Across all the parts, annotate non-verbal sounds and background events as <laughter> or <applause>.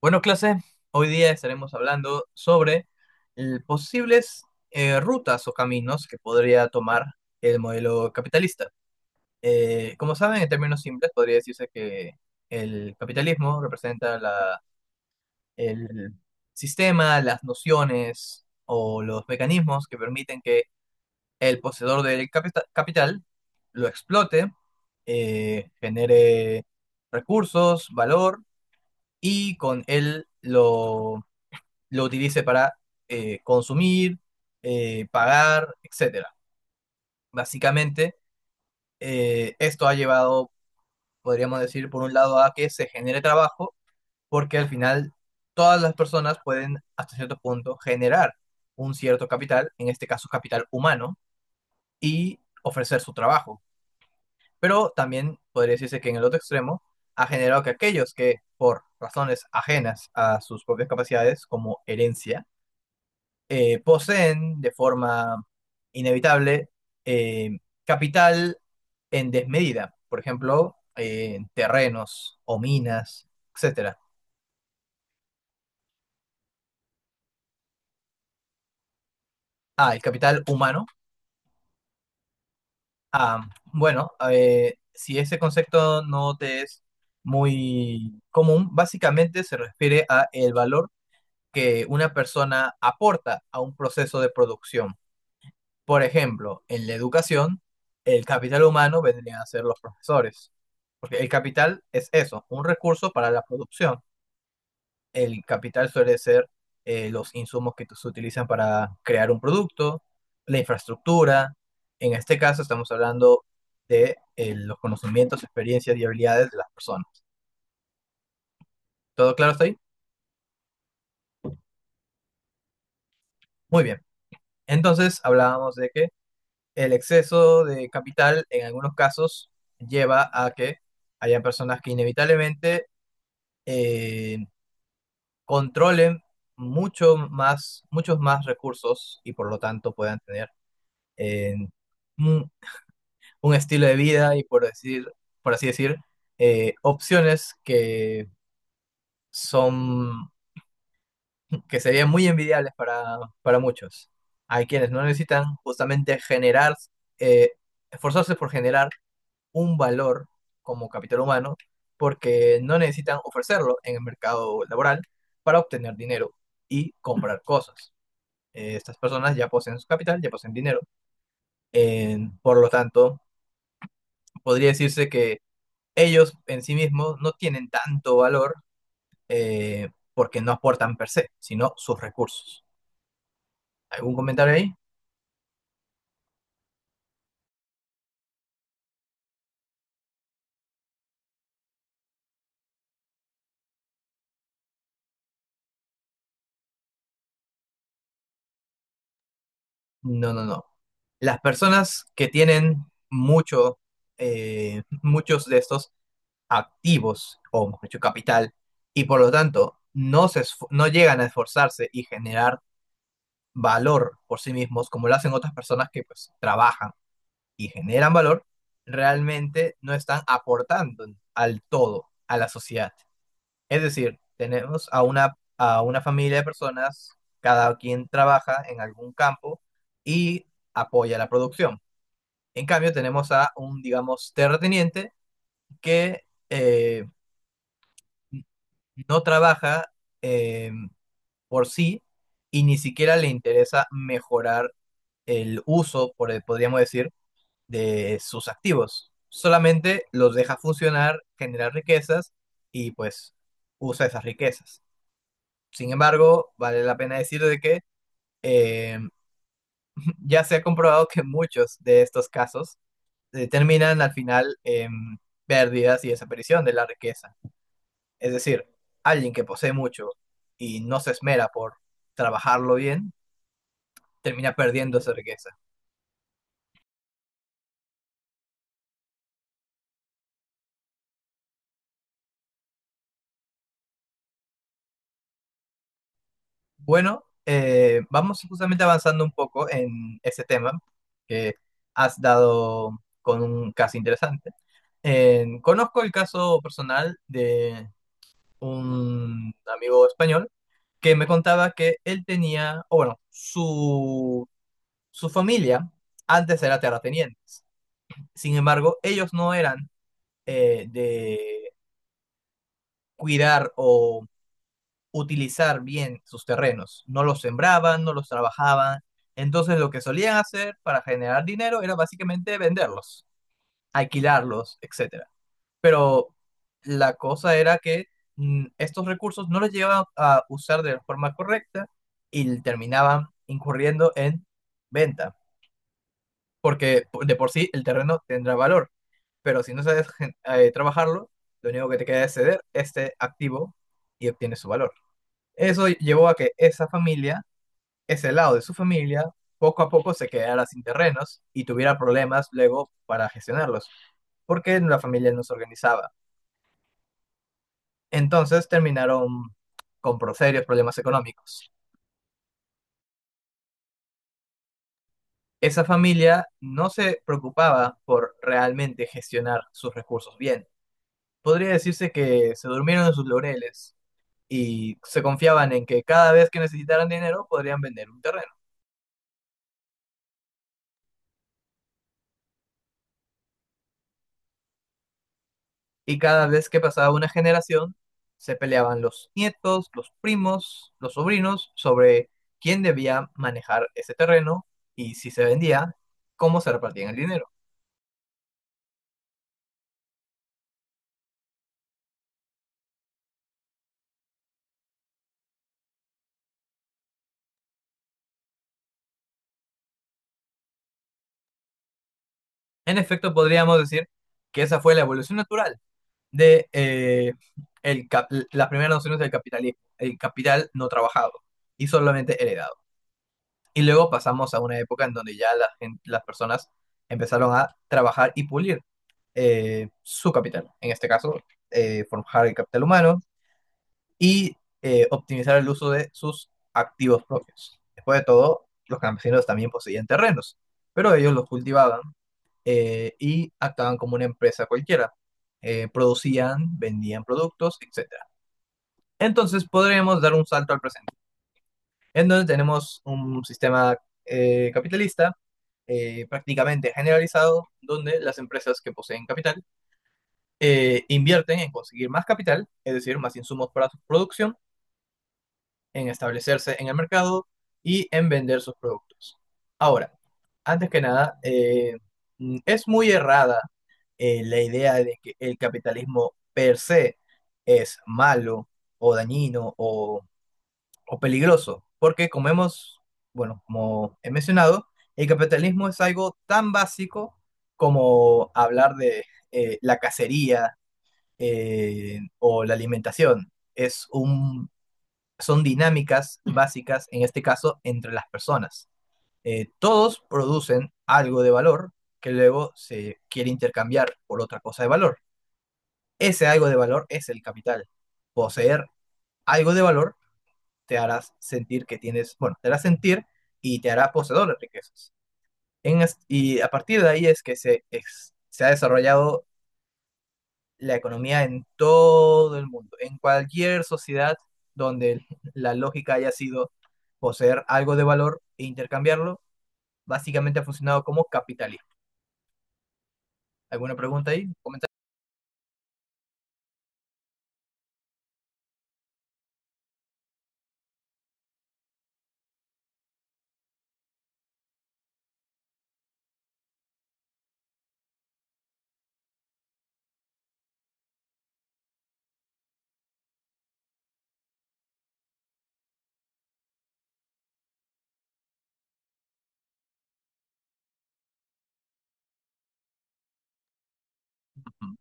Bueno, clase, hoy día estaremos hablando sobre posibles rutas o caminos que podría tomar el modelo capitalista. Como saben, en términos simples, podría decirse que el capitalismo representa el sistema, las nociones o los mecanismos que permiten que el poseedor del capital lo explote, genere recursos, valor y con él lo utilice para consumir, pagar, etcétera. Básicamente, esto ha llevado, podríamos decir, por un lado a que se genere trabajo, porque al final todas las personas pueden, hasta cierto punto, generar un cierto capital, en este caso capital humano, y ofrecer su trabajo. Pero también podría decirse que en el otro extremo ha generado que aquellos que por razones ajenas a sus propias capacidades, como herencia, poseen de forma inevitable eh, capital en desmedida, por ejemplo, terrenos o minas, etcétera. Ah, el capital humano. Ah, bueno, si ese concepto no te es muy común, básicamente se refiere a el valor que una persona aporta a un proceso de producción. Por ejemplo, en la educación, el capital humano vendrían a ser los profesores, porque el capital es eso, un recurso para la producción. El capital suele ser los insumos que se utilizan para crear un producto, la infraestructura. En este caso estamos hablando de los conocimientos, experiencias y habilidades de las personas. ¿Todo claro hasta ahí? Muy bien. Entonces hablábamos de que el exceso de capital en algunos casos lleva a que haya personas que inevitablemente eh, controlen mucho más, muchos más recursos y por lo tanto puedan tener eh, un, un estilo de vida y por así decir, opciones son, que serían muy envidiables para muchos. Hay quienes no necesitan justamente generar, eh, esforzarse por generar un valor como capital humano porque no necesitan ofrecerlo en el mercado laboral para obtener dinero y comprar cosas. Estas personas ya poseen su capital, ya poseen dinero. Por lo tanto, podría decirse que ellos en sí mismos no tienen tanto valor porque no aportan per se, sino sus recursos. ¿Algún comentario ahí? No, no, no. Las personas que tienen mucho, muchos de estos activos, o mejor dicho, capital, y por lo tanto no, no llegan a esforzarse y generar valor por sí mismos, como lo hacen otras personas que pues trabajan y generan valor, realmente no están aportando al todo, a la sociedad. Es decir, tenemos a a una familia de personas, cada quien trabaja en algún campo y apoya la producción. En cambio, tenemos a un, digamos, terrateniente que no trabaja eh, por sí y ni siquiera le interesa mejorar el uso, por, podríamos decir, de sus activos. Solamente los deja funcionar, generar riquezas y pues usa esas riquezas. Sin embargo, vale la pena decir de que eh, <laughs> ya se ha comprobado que muchos de estos casos terminan al final en pérdidas y desaparición de la riqueza. Es decir, alguien que posee mucho y no se esmera por trabajarlo bien, termina perdiendo esa riqueza. Bueno, vamos justamente avanzando un poco en ese tema, que has dado con un caso interesante. Conozco el caso personal de un amigo español que me contaba que él tenía, o bueno, su familia antes era terratenientes. Sin embargo, ellos no eran de cuidar o utilizar bien sus terrenos. No los sembraban, no los trabajaban. Entonces lo que solían hacer para generar dinero era básicamente venderlos, alquilarlos, etcétera. Pero la cosa era que estos recursos no los llevaban a usar de forma correcta y terminaban incurriendo en venta, porque de por sí el terreno tendrá valor, pero si no sabes trabajarlo, lo único que te queda es ceder este activo y obtienes su valor. Eso llevó a que esa familia, ese lado de su familia, poco a poco se quedara sin terrenos y tuviera problemas luego para gestionarlos, porque la familia no se organizaba. Entonces terminaron con serios problemas económicos. Esa familia no se preocupaba por realmente gestionar sus recursos bien. Podría decirse que se durmieron en sus laureles y se confiaban en que cada vez que necesitaran dinero podrían vender un terreno. Y cada vez que pasaba una generación, se peleaban los nietos, los primos, los sobrinos sobre quién debía manejar ese terreno y si se vendía, cómo se repartían el dinero. En efecto, podríamos decir que esa fue la evolución natural de las primeras nociones del capitalismo, el capital no trabajado y solamente heredado. Y luego pasamos a una época en donde ya las personas empezaron a trabajar y pulir su capital, en este caso, forjar el capital humano y optimizar el uso de sus activos propios. Después de todo, los campesinos también poseían terrenos, pero ellos los cultivaban y actuaban como una empresa cualquiera. Producían, vendían productos, etcétera. Entonces podremos dar un salto al presente en donde tenemos un sistema capitalista prácticamente generalizado, donde las empresas que poseen capital invierten en conseguir más capital, es decir, más insumos para su producción, en establecerse en el mercado y en vender sus productos. Ahora, antes que nada, es muy errada la idea de que el capitalismo per se es malo o dañino o peligroso, porque bueno, como he mencionado, el capitalismo es algo tan básico como hablar de la cacería o la alimentación. Son dinámicas básicas, en este caso, entre las personas. Todos producen algo de valor que luego se quiere intercambiar por otra cosa de valor. Ese algo de valor es el capital. Poseer algo de valor te harás sentir que tienes, bueno, te hará sentir y te hará poseedor de riquezas. Y a partir de ahí es que se ha desarrollado la economía en todo el mundo, en cualquier sociedad donde la lógica haya sido poseer algo de valor e intercambiarlo, básicamente ha funcionado como capitalismo. ¿Alguna pregunta ahí? ¿Comenta? Ujú.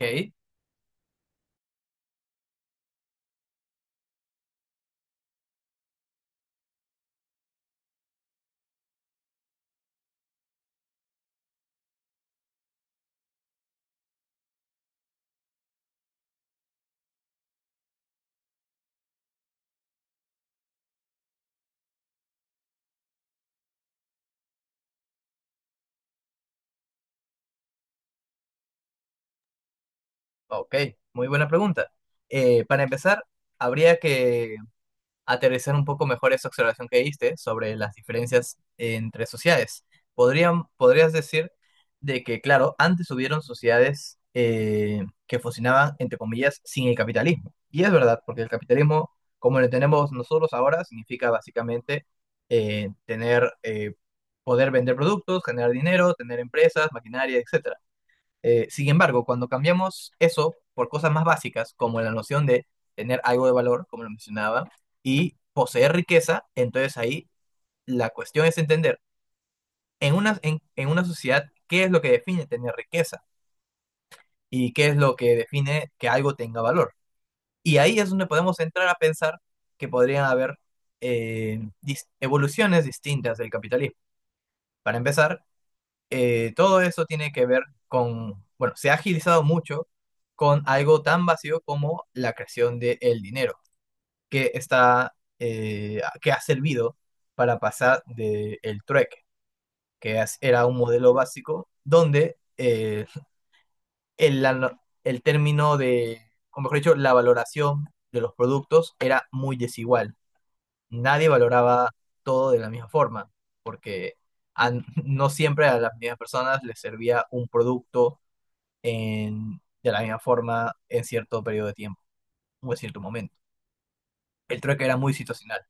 Ok, ok, muy buena pregunta. Para empezar, habría que aterrizar un poco mejor esa observación que diste sobre las diferencias entre sociedades. Podrías decir de que, claro, antes hubieron sociedades que funcionaban, entre comillas, sin el capitalismo. Y es verdad, porque el capitalismo, como lo tenemos nosotros ahora, significa básicamente tener, poder vender productos, generar dinero, tener empresas, maquinaria, etcétera. Sin embargo, cuando cambiamos eso por cosas más básicas, como la noción de tener algo de valor, como lo mencionaba, y poseer riqueza, entonces ahí la cuestión es entender en en una sociedad qué es lo que define tener riqueza y qué es lo que define que algo tenga valor. Y ahí es donde podemos entrar a pensar que podrían haber evoluciones distintas del capitalismo. Para empezar, todo eso tiene que ver con, bueno, se ha agilizado mucho con algo tan vacío como la creación del dinero, que ha servido para pasar del trueque, que era un modelo básico donde el, la- no- el término de, o mejor dicho, la valoración de los productos era muy desigual. Nadie valoraba todo de la misma forma, porque a- no siempre a las mismas personas les servía un producto de la misma forma en cierto periodo de tiempo o en cierto momento. El trueque era muy situacional.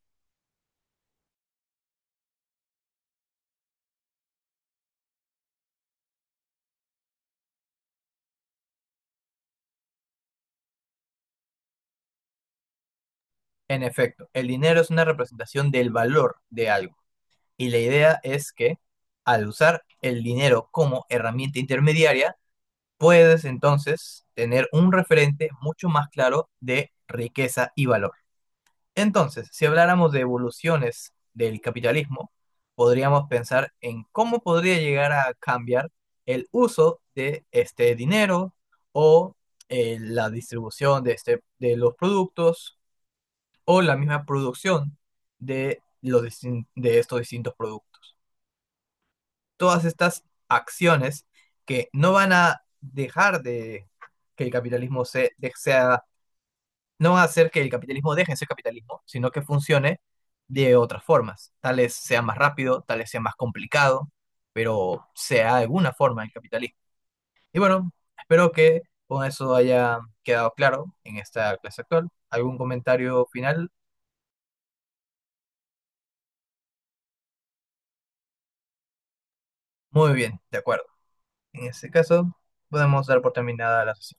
En efecto, el dinero es una representación del valor de algo y la idea es que al usar el dinero como herramienta intermediaria, puedes entonces tener un referente mucho más claro de riqueza y valor. Entonces, si habláramos de evoluciones del capitalismo, podríamos pensar en cómo podría llegar a cambiar el uso de este dinero o la distribución de, este, de los productos o la misma producción de, los, de estos distintos productos. Todas estas acciones que no van a dejar de que el capitalismo se, de- sea No va a hacer que el capitalismo deje de ser capitalismo, sino que funcione de otras formas. Tal vez sea más rápido, tal vez sea más complicado, pero sea de alguna forma el capitalismo. Y bueno, espero que con eso haya quedado claro en esta clase actual. ¿Algún comentario final? Muy bien, de acuerdo. En ese caso, podemos dar por terminada la sesión.